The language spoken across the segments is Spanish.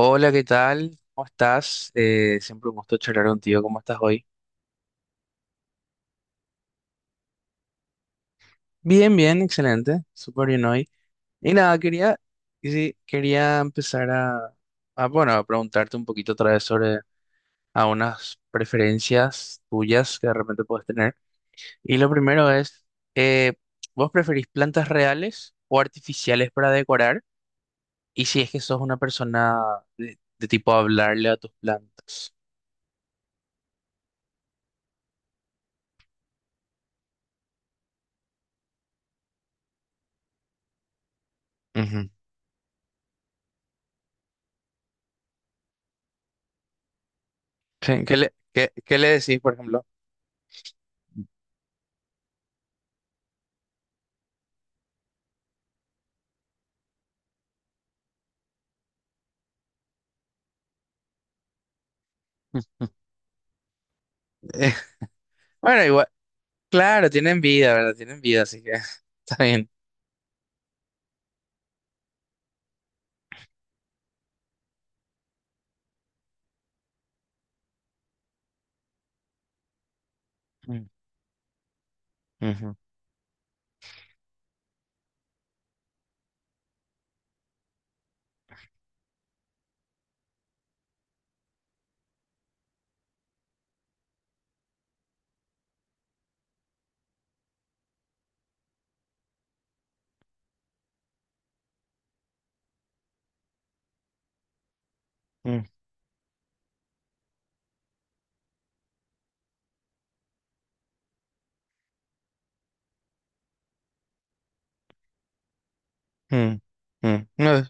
Hola, ¿qué tal? ¿Cómo estás? Siempre un gusto charlar contigo. ¿Cómo estás hoy? Bien, bien, excelente. Súper bien hoy. Y nada, quería, y sí, quería empezar bueno, a preguntarte un poquito otra vez sobre a unas preferencias tuyas que de repente puedes tener. Y lo primero es, eh, ¿vos preferís plantas reales o artificiales para decorar? Y si es que sos una persona de tipo hablarle a tus plantas. Ujú. Sí, ¿Qué le decís, por ejemplo? Eh, bueno, igual, claro, tienen vida, ¿verdad? Tienen vida, así que está bien. Mm, ujú, mm, mm, mm. No,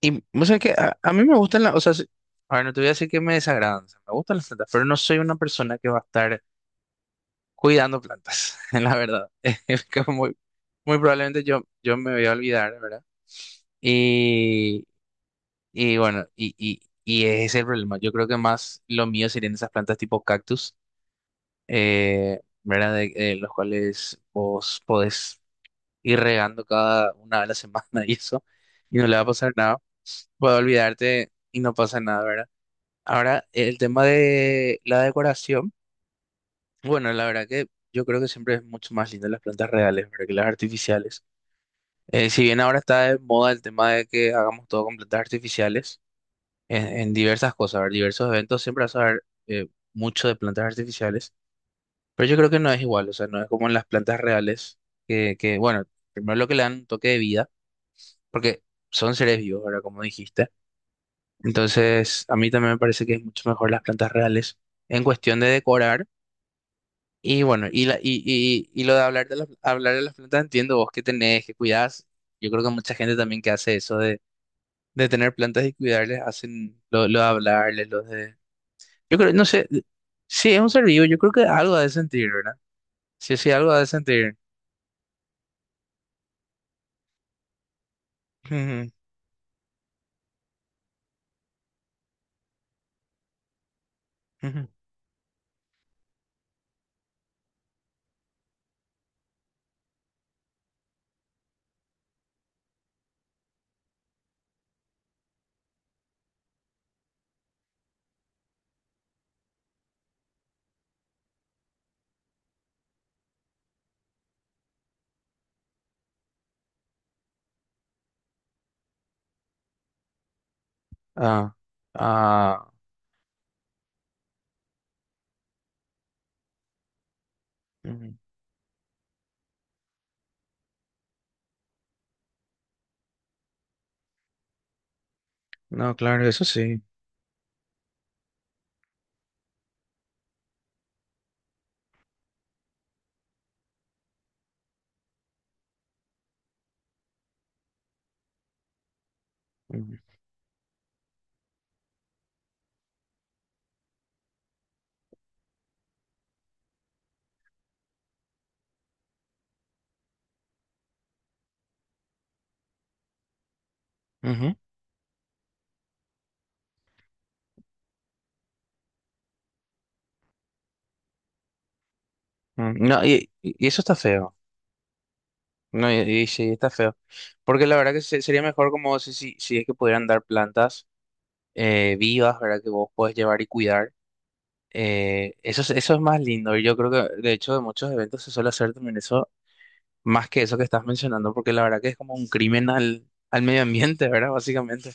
y vos sabés que a mí me gustan o sea, a ver, no te voy a decir que me desagradan, o sea, me gustan las plantas, pero no soy una persona que va a estar cuidando plantas, la verdad. Es que muy, muy probablemente yo me voy a olvidar, ¿verdad? Y, y bueno, y ese es el problema. Yo creo que más lo mío serían esas plantas tipo cactus. ¿Verdad? Los cuales vos podés ir regando cada una vez a la semana y eso, y no le va a pasar nada. Puedo olvidarte y no pasa nada, ¿verdad? Ahora, el tema de la decoración, bueno, la verdad que yo creo que siempre es mucho más lindo las plantas reales, ¿verdad? Que las artificiales. Si bien ahora está de moda el tema de que hagamos todo con plantas artificiales, en diversas cosas, ¿verdad? Diversos eventos siempre vas a ver mucho de plantas artificiales. Pero yo creo que no es igual, o sea, no es como en las plantas reales, que bueno, primero lo que le dan un toque de vida, porque son seres vivos, ahora como dijiste. Entonces, a mí también me parece que es mucho mejor las plantas reales en cuestión de decorar. Y bueno, y lo de hablar hablar de las plantas, entiendo vos que tenés, que cuidás. Yo creo que mucha gente también que hace eso de tener plantas y cuidarles, hacen lo de hablarles, los de... Yo creo, no sé, sí, es un ser vivo, yo creo que algo ha de sentir, ¿verdad? Sí, sí, algo ha de sentir. Ujú, ujú. Ah, ah, mm, no, claro, eso sí. Mm, ujú, mm. No, y eso está feo. No, y, sí, está feo. Porque la verdad que sería mejor como si es que pudieran dar plantas vivas, ¿verdad? Que vos puedes llevar y cuidar. Eso, eso es más lindo. Y yo creo que, de hecho, de muchos eventos se suele hacer también eso, más que eso que estás mencionando, porque la verdad que es como un crimen al medio ambiente, ¿verdad? Básicamente.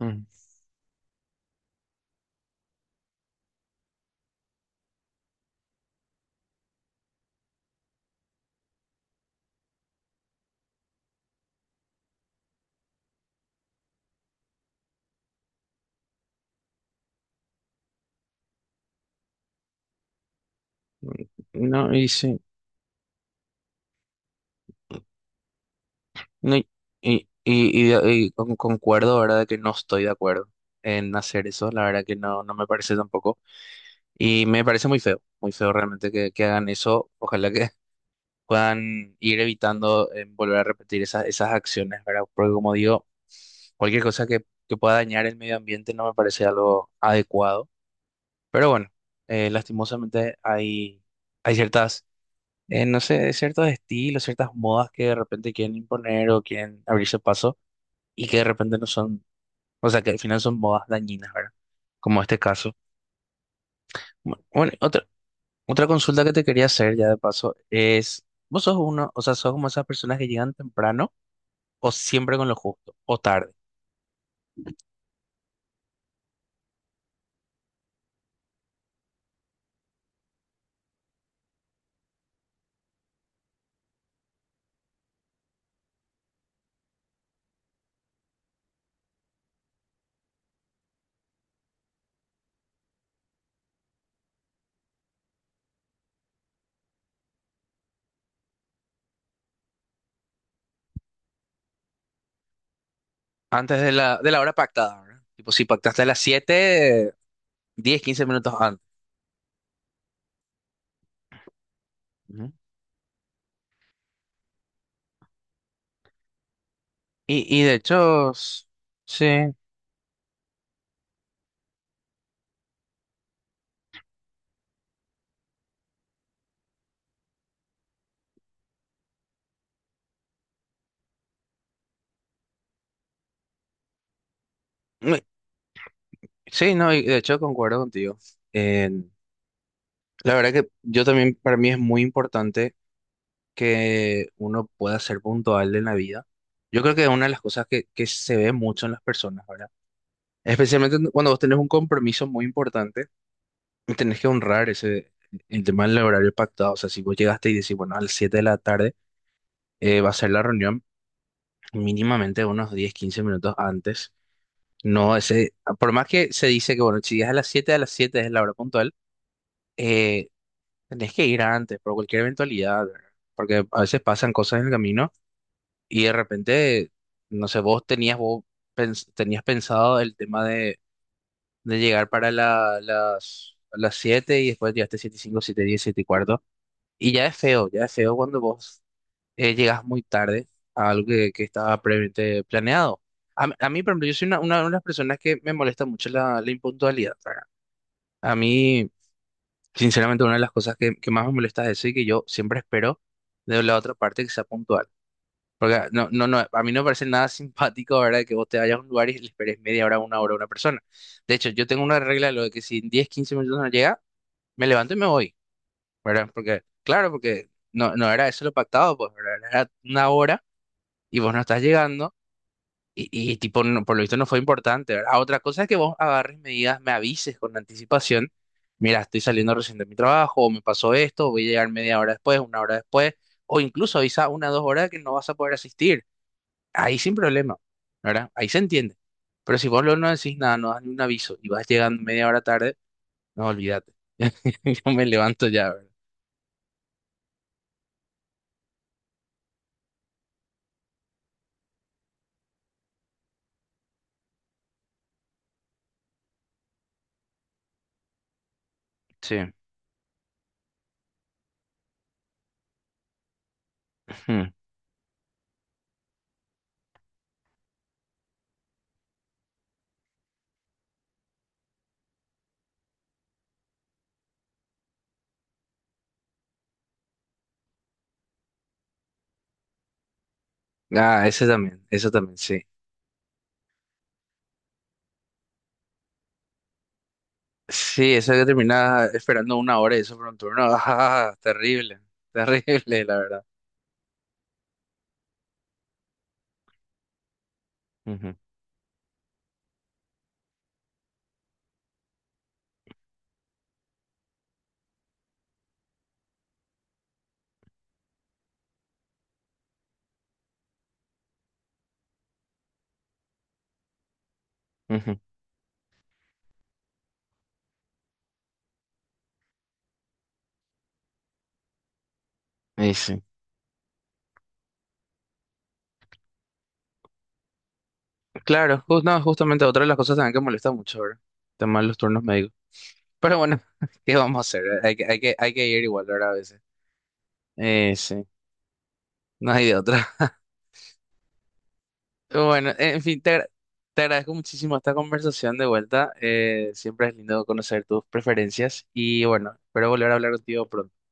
Mm. No, y sí. No, concuerdo, ¿verdad? Que no estoy de acuerdo en hacer eso, la verdad que no, no me parece tampoco. Y me parece muy feo realmente que hagan eso. Ojalá que puedan ir evitando volver a repetir esas acciones, ¿verdad? Porque como digo, cualquier cosa que pueda dañar el medio ambiente no me parece algo adecuado. Pero bueno, lastimosamente hay ciertas, no sé, ciertos estilos, ciertas modas que de repente quieren imponer o quieren abrirse paso y que de repente no son, o sea, que al final son bodas dañinas, ¿verdad? Como este caso. Bueno, otra consulta que te quería hacer ya de paso es, ¿vos sos uno, o sea, sos como esas personas que llegan temprano o siempre con lo justo o tarde? Antes de la hora pactada, ¿verdad? Tipo, si pactaste a las 7 10 15 minutos antes. Ujú. Y de hecho, sí. Mm, sí, no, y de hecho concuerdo contigo. En- la verdad que yo también, para mí es muy importante que uno pueda ser puntual en la vida. Yo creo que es una de las cosas que se ve mucho en las personas, ¿verdad? Especialmente cuando vos tenés un compromiso muy importante y tenés que honrar ese, el tema del horario pactado. O sea, si vos llegaste y decís, bueno, a las 7 de la tarde, va a ser la reunión, mínimamente unos 10 15 minutos antes. No, ese, por más que se dice que, bueno, si es a las 7 a las 7 es la hora puntual, eh, tenés que ir antes por cualquier eventualidad, ¿verdad? Porque a veces pasan cosas en el camino. Y de repente, no sé, vos tenías, tenías pensado el tema de llegar para las 7 y después llegaste 7 y 5 7 y 10, 7 y cuarto. Y ya es feo cuando vos llegas muy tarde a algo que estaba previamente planeado. A mí, por ejemplo, yo soy una de las personas que me molesta mucho la impuntualidad, ¿verdad? A mí, sinceramente, una de las cosas que más me molesta es eso y que yo siempre espero de la otra parte que sea puntual. Porque no, no, no, a mí no me parece nada simpático, ¿verdad? Que vos te vayas a un lugar y le esperes media hora, una hora a una persona. De hecho, yo tengo una regla de lo de que si en 10, 15 minutos no llega, me levanto y me voy, ¿verdad? Porque, claro, porque no, no era eso lo pactado, pues, ¿verdad? Era una hora y vos no estás llegando y tipo, por lo visto no fue importante, ¿verdad? Ah, otra cosa es que vos agarres medidas, me avises con anticipación, mira, estoy saliendo recién de mi trabajo, o me pasó esto, voy a llegar media hora después, una hora después, o incluso avisa una o 2 horas que no vas a poder asistir ahí sin problema, ¿verdad? Ahí se entiende. Pero si vos luego no decís nada, no das ni un aviso y vas llegando media hora tarde, no, olvídate. Yo me levanto ya, ¿verdad? Sí. Ujú. Ah, ese también, eso también, sí. Sí, eso que terminaba esperando una hora y eso por un turno. Ah, terrible, terrible, la verdad. Ujú, ujú. Y sí. Claro, no, justamente otra de las cosas también que molesta mucho, ¿verdad? El tema de los turnos médicos. Pero bueno, ¿qué vamos a hacer? Hay que ir igual, ¿verdad? A veces. Sí, no hay de otra. Bueno, en fin, te agradezco muchísimo esta conversación de vuelta. Siempre es lindo conocer tus preferencias y bueno, espero volver a hablar contigo pronto.